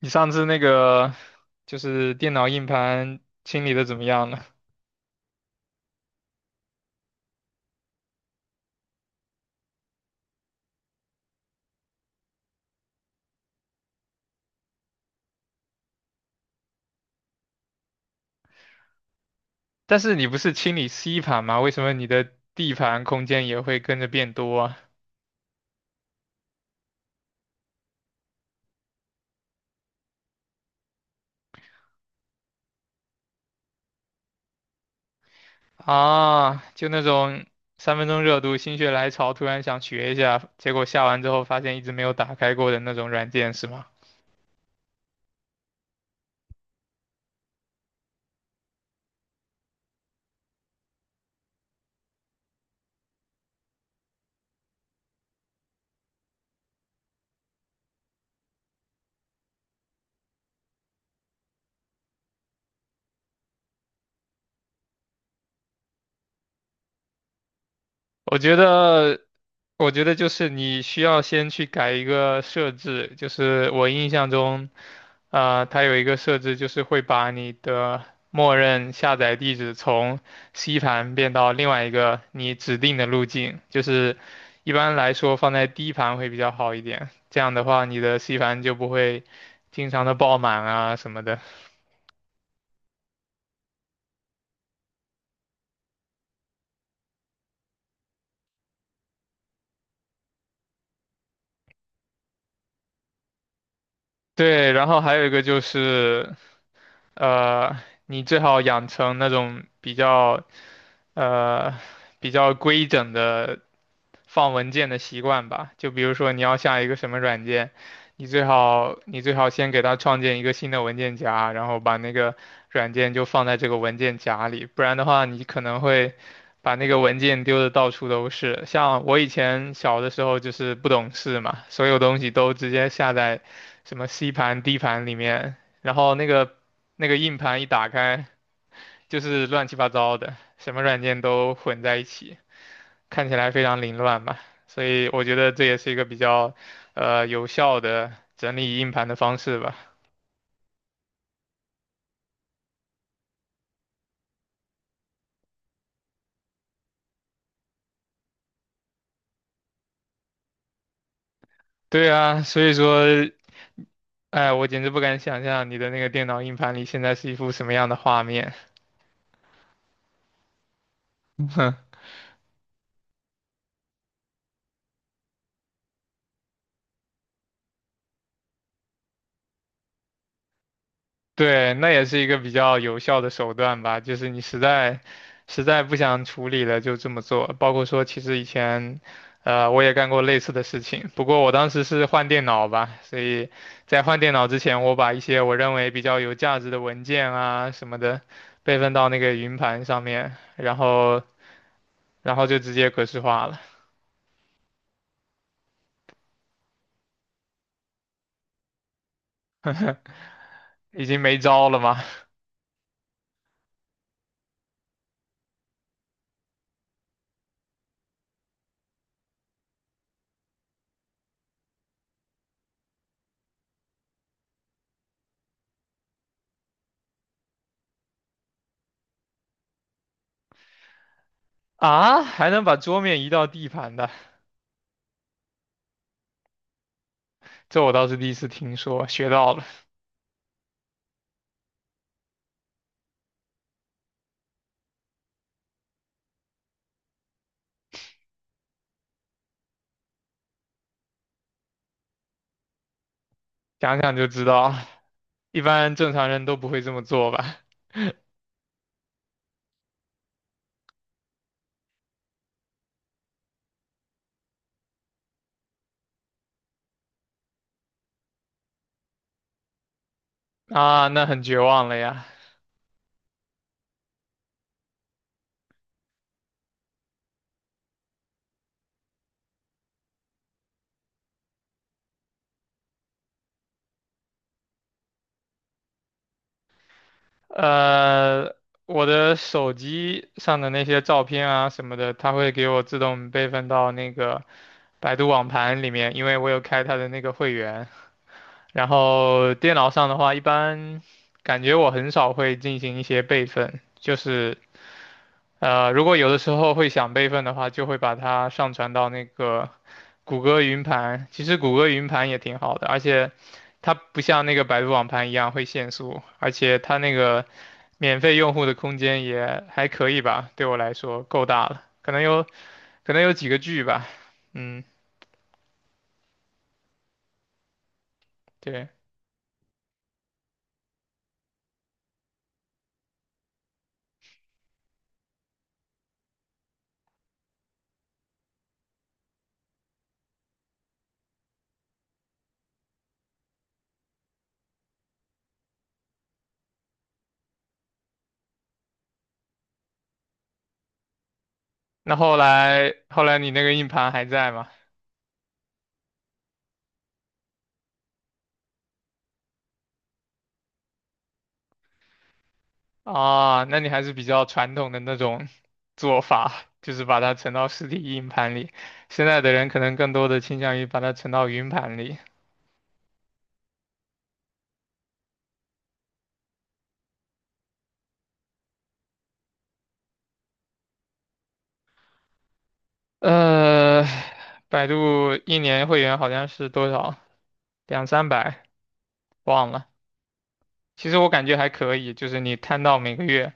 你上次那个就是电脑硬盘清理的怎么样了？但是你不是清理 C 盘吗？为什么你的 D 盘空间也会跟着变多啊？啊，就那种三分钟热度、心血来潮，突然想学一下，结果下完之后发现一直没有打开过的那种软件是吗？我觉得，我觉得就是你需要先去改一个设置，就是我印象中，啊，它有一个设置就是会把你的默认下载地址从 C 盘变到另外一个你指定的路径，就是一般来说放在 D 盘会比较好一点，这样的话你的 C 盘就不会经常的爆满啊什么的。对，然后还有一个就是，呃，你最好养成那种比较。呃比较规整的放文件的习惯吧。就比如说你要下一个什么软件，你最好先给它创建一个新的文件夹，然后把那个软件就放在这个文件夹里，不然的话你可能会把那个文件丢的到处都是。像我以前小的时候就是不懂事嘛，所有东西都直接下在什么 C 盘、D 盘里面，然后那个硬盘一打开，就是乱七八糟的，什么软件都混在一起，看起来非常凌乱吧。所以我觉得这也是一个比较，有效的整理硬盘的方式吧。对啊，所以说，哎，我简直不敢想象你的那个电脑硬盘里现在是一幅什么样的画面。对，那也是一个比较有效的手段吧，就是你实在不想处理了，就这么做。包括说，其实以前，我也干过类似的事情，不过我当时是换电脑吧，所以在换电脑之前，我把一些我认为比较有价值的文件啊什么的备份到那个云盘上面，然后就直接格式化了，已经没招了嘛。啊，还能把桌面移到地盘的，这我倒是第一次听说，学到了，想想就知道。一般正常人都不会这么做吧？啊，那很绝望了呀。呃，我的手机上的那些照片啊什么的，它会给我自动备份到那个百度网盘里面，因为我有开它的那个会员。然后电脑上的话，一般感觉我很少会进行一些备份，就是如果有的时候会想备份的话，就会把它上传到那个谷歌云盘。其实谷歌云盘也挺好的，而且它不像那个百度网盘一样会限速，而且它那个免费用户的空间也还可以吧，对我来说够大了，可能有几个 G 吧。嗯，对。那后来你那个硬盘还在吗？啊，那你还是比较传统的那种 做法，就是把它存到实体硬盘里。现在的人可能更多的倾向于把它存到云盘里。呃，百度一年会员好像是多少？两三百，忘了。其实我感觉还可以，就是你摊到每个月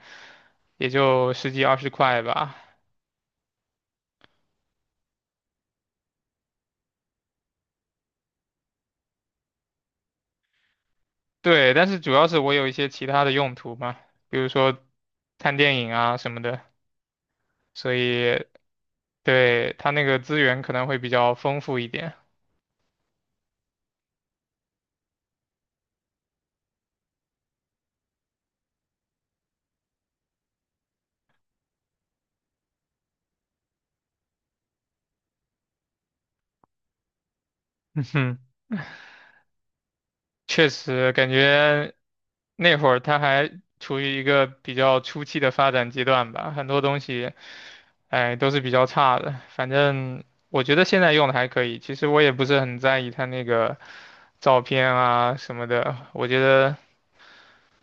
也就十几二十块吧。对，但是主要是我有一些其他的用途嘛，比如说看电影啊什么的，所以对，它那个资源可能会比较丰富一点。嗯哼，确实感觉那会儿它还处于一个比较初期的发展阶段吧，很多东西，哎，都是比较差的。反正我觉得现在用的还可以，其实我也不是很在意它那个照片啊什么的，我觉得。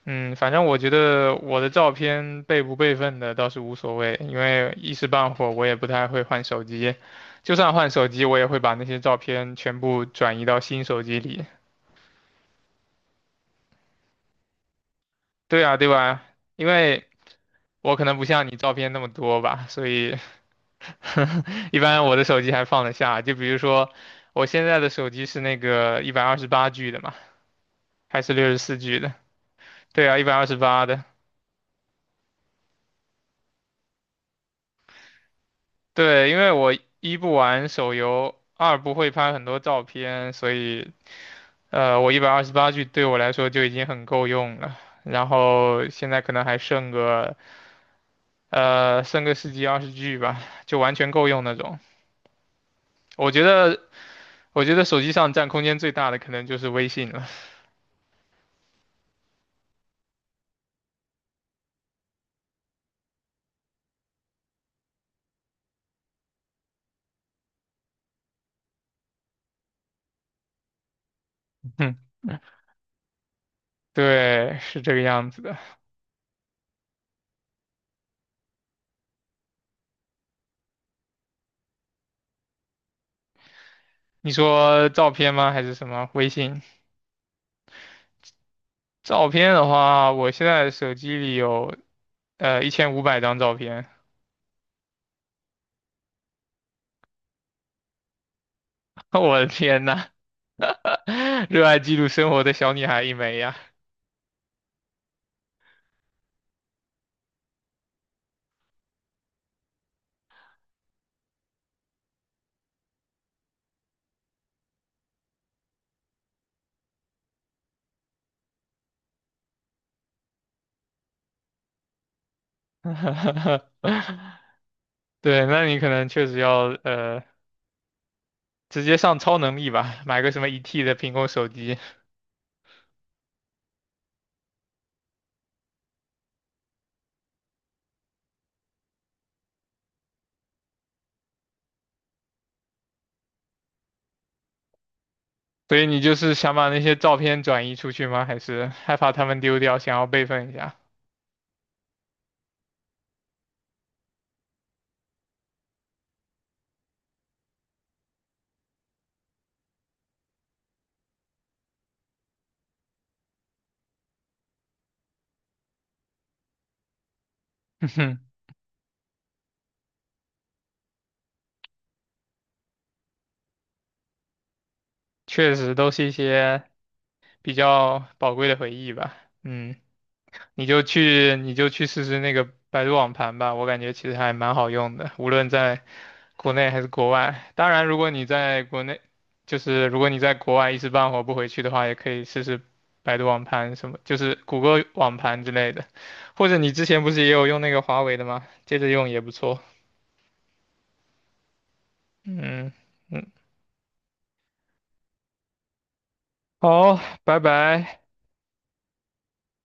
嗯，反正我觉得我的照片备不备份的倒是无所谓，因为一时半会儿我也不太会换手机，就算换手机，我也会把那些照片全部转移到新手机里。对啊，对吧？因为我可能不像你照片那么多吧，所以 一般我的手机还放得下。就比如说我现在的手机是那个一百二十八 G 的嘛，还是64 G 的？对啊，一百二十八的。对，因为我一不玩手游，二不会拍很多照片，所以我一百二十八 G 对我来说就已经很够用了。然后现在可能还剩个十几二十 G 吧，就完全够用那种。我觉得我觉得手机上占空间最大的可能就是微信了。嗯，对，是这个样子的。你说照片吗？还是什么？微信照片的话，我现在手机里有1500张照片。我的天呐！热爱记录生活的小女孩一枚呀。对，那你可能确实要直接上超能力吧，买个什么1 T 的苹果手机。所以你就是想把那些照片转移出去吗？还是害怕他们丢掉，想要备份一下？确实都是一些比较宝贵的回忆吧。嗯，你就去试试那个百度网盘吧，我感觉其实还蛮好用的，无论在国内还是国外。当然，如果你在国内，就是如果你在国外一时半会儿不回去的话，也可以试试百度网盘什么，就是谷歌网盘之类的，或者你之前不是也有用那个华为的吗？接着用也不错。嗯嗯，好，拜拜。